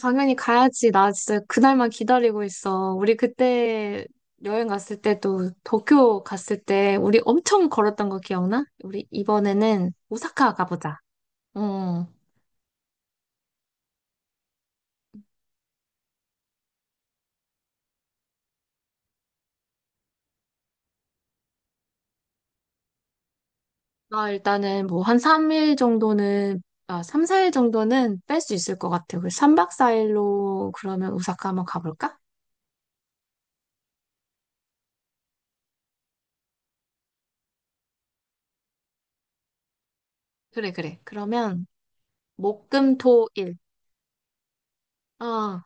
당연히 가야지. 나 진짜 그날만 기다리고 있어. 우리 그때 여행 갔을 때 또 도쿄 갔을 때 우리 엄청 걸었던 거 기억나? 우리 이번에는 오사카 가보자. 어. 나 일단은 뭐 한 3일 정도는, 아, 3, 4일 정도는 뺄 수 있을 것 같아. 우리 3박 4일로 그러면 오사카 한번 가볼까? 그래, 그래. 그러면 목, 금, 토, 일. 어.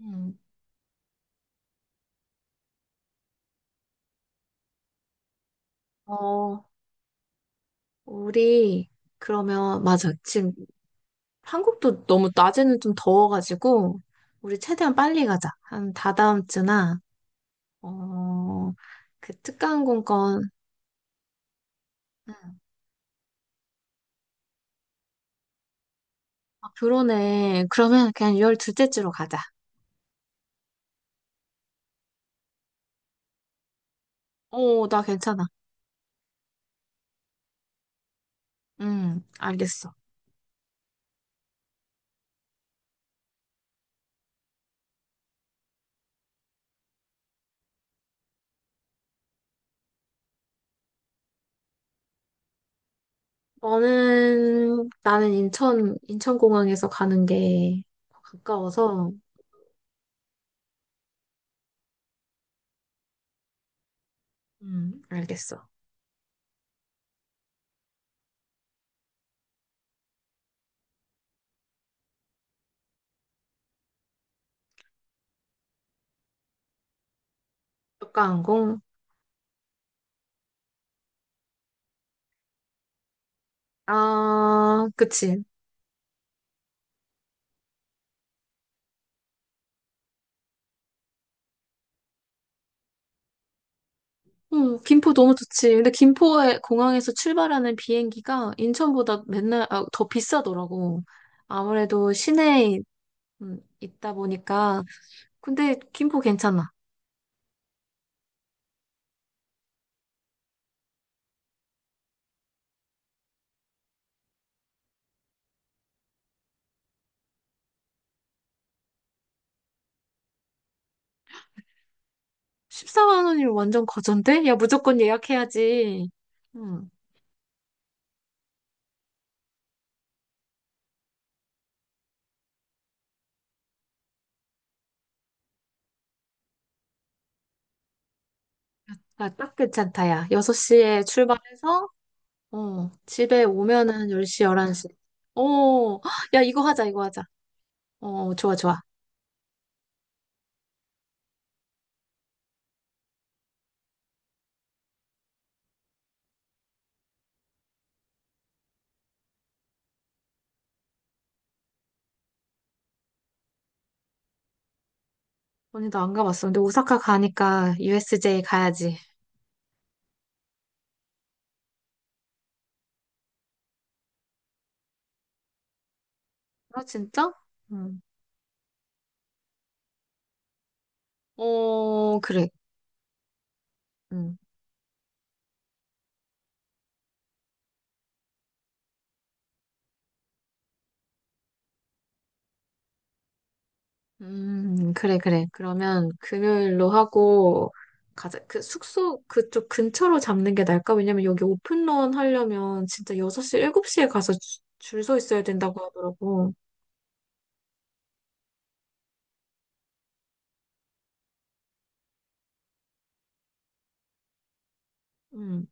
음. 어. 우리 그러면 맞아. 지금 한국도 너무 낮에는 좀 더워가지고 우리 최대한 빨리 가자. 한 다다음 주나 어, 그특항공권 음. 아, 그러네. 그러면 그냥 6월 둘째 주로 가자. 어, 나 괜찮아. 알겠어. 너는 나는 인천 인천공항에서 가는 게 가까워서 알겠어. 특가항공 아, 그치. 응, 김포 너무 좋지. 근데 김포의 공항에서 출발하는 비행기가 인천보다 맨날 더 비싸더라고. 아무래도 시내에 있다 보니까. 근데 김포 괜찮아. 14만 원이면 완전 거전데? 야, 무조건 예약해야지. 응, 아, 딱 괜찮다, 야. 6시에 출발해서, 어, 집에 오면은 10시, 11시. 어, 야, 이거 하자, 이거 하자. 어, 좋아, 좋아. 언니도 안 가봤어. 근데 오사카 가니까 USJ 가야지. 아, 진짜? 응, 어, 그래. 응. 그래, 그래. 그러면 금요일로 하고, 가자. 그 숙소 그쪽 근처로 잡는 게 나을까? 왜냐면 여기 오픈런 하려면 진짜 6시, 7시에 가서 줄 서 있어야 된다고 하더라고. 음,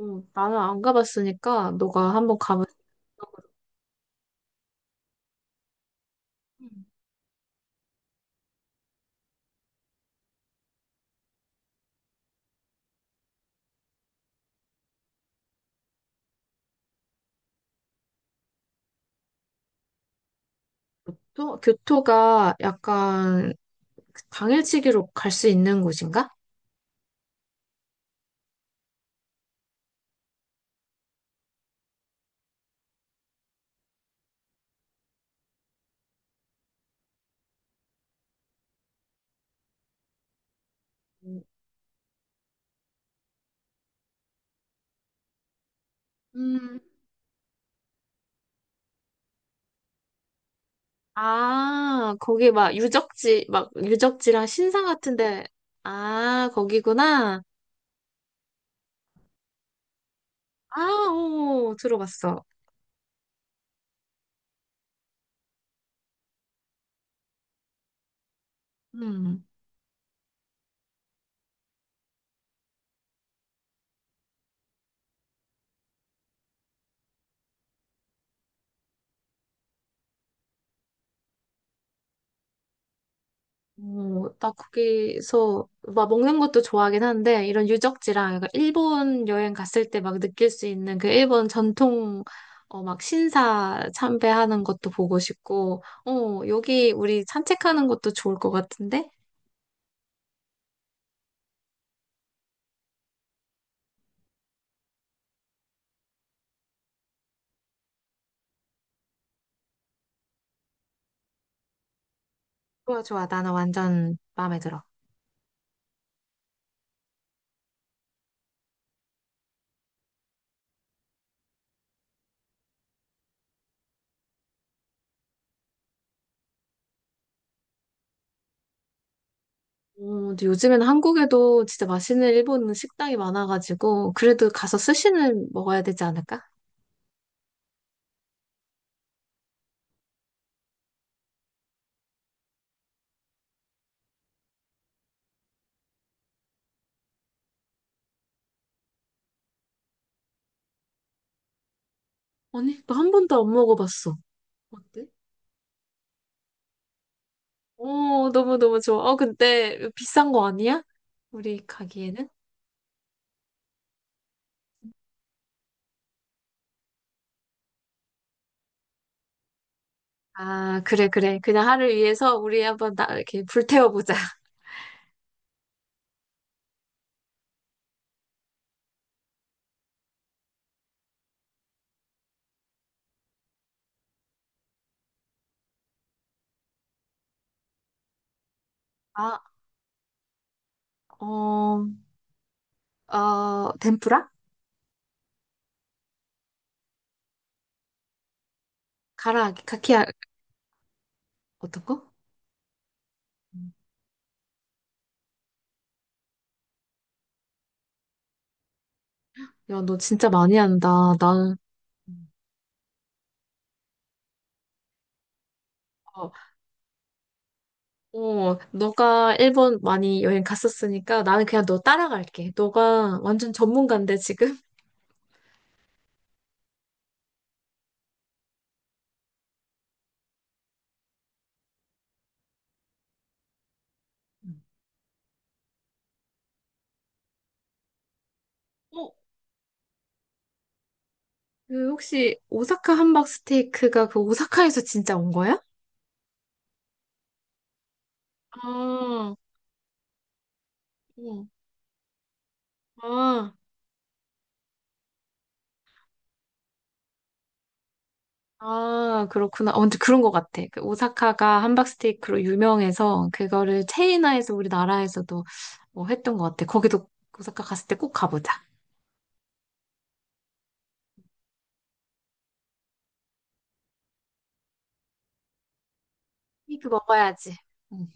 나는 안 가봤으니까 너가 한번 가면 좋다고. 음. 또 교토가 약간 당일치기로 갈 수 있는 곳인가? 음, 음, 아, 거기 막 유적지랑 신상 같은데, 아, 거기구나. 아, 오, 들어봤어. 음, 오, 나 거기서 막 먹는 것도 좋아하긴 한데, 이런 유적지랑 약간 일본 여행 갔을 때 막 느낄 수 있는 그 일본 전통, 막 신사 참배하는 것도 보고 싶고, 여기 우리 산책하는 것도 좋을 것 같은데? 좋아, 좋아. 나는 완전 마음에 들어. 어, 근데 요즘에는 한국에도 진짜 맛있는 일본 식당이 많아가지고, 그래도 가서 스시는 먹어야 되지 않을까? 아니, 나 한 번도 안 먹어봤어. 어때? 어, 너무너무 좋아. 어, 근데 비싼 거 아니야? 우리 가기에는? 아, 그래, 그래. 그냥 하루 위해서 우리 한번 이렇게 불태워보자. 아, 어, 덴푸라? 가라아기, 카키야, 어떤 거? 음. 야, 너 진짜 많이 한다. 나는, 어, 너가 일본 많이 여행 갔었으니까 나는 그냥 너 따라갈게. 너가 완전 전문가인데 지금? 음. 어, 그 혹시 오사카 함박 스테이크가 그 오사카에서 진짜 온 거야? 아, 어, 아, 아, 그렇구나. 어, 근데 그런 것 같아. 그 오사카가 함박 스테이크로 유명해서 그거를 체인화해서 우리나라에서도 뭐 했던 것 같아. 거기도 오사카 갔을 때 꼭 가보자. 스테이크 먹어야지. 응.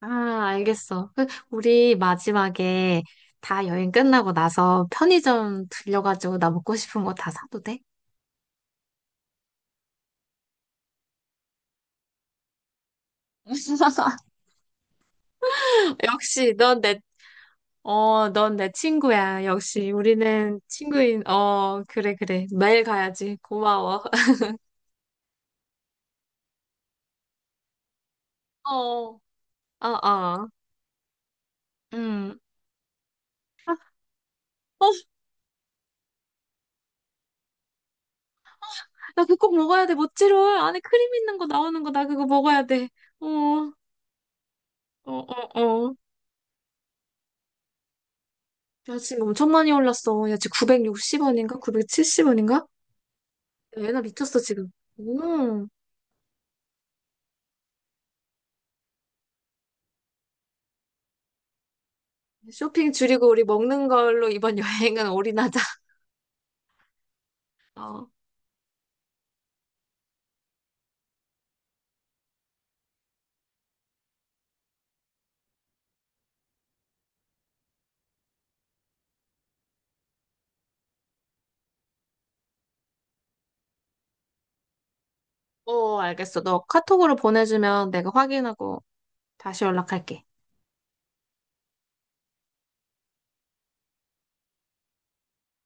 아, 알겠어. 그, 우리 마지막에 다 여행 끝나고 나서 편의점 들려가지고 나 먹고 싶은 거 다 사도 돼? 역시 넌 내 친구야. 역시 우리는 친구인, 그래, 그래. 매일 가야지. 고마워. 어, 아, 아. 음. 어, 나 그거 꼭 먹어야 돼. 모찌롤. 안에 크림 있는 거 나오는 거 나 그거 먹어야 돼. 어, 어, 어, 어. 야, 지금 엄청 많이 올랐어. 야, 지금 960원인가? 970원인가? 애나 미쳤어, 지금. 음, 쇼핑 줄이고 우리 먹는 걸로 이번 여행은 올인하자. 어, 어, 알겠어. 너 카톡으로 보내주면 내가 확인하고 다시 연락할게.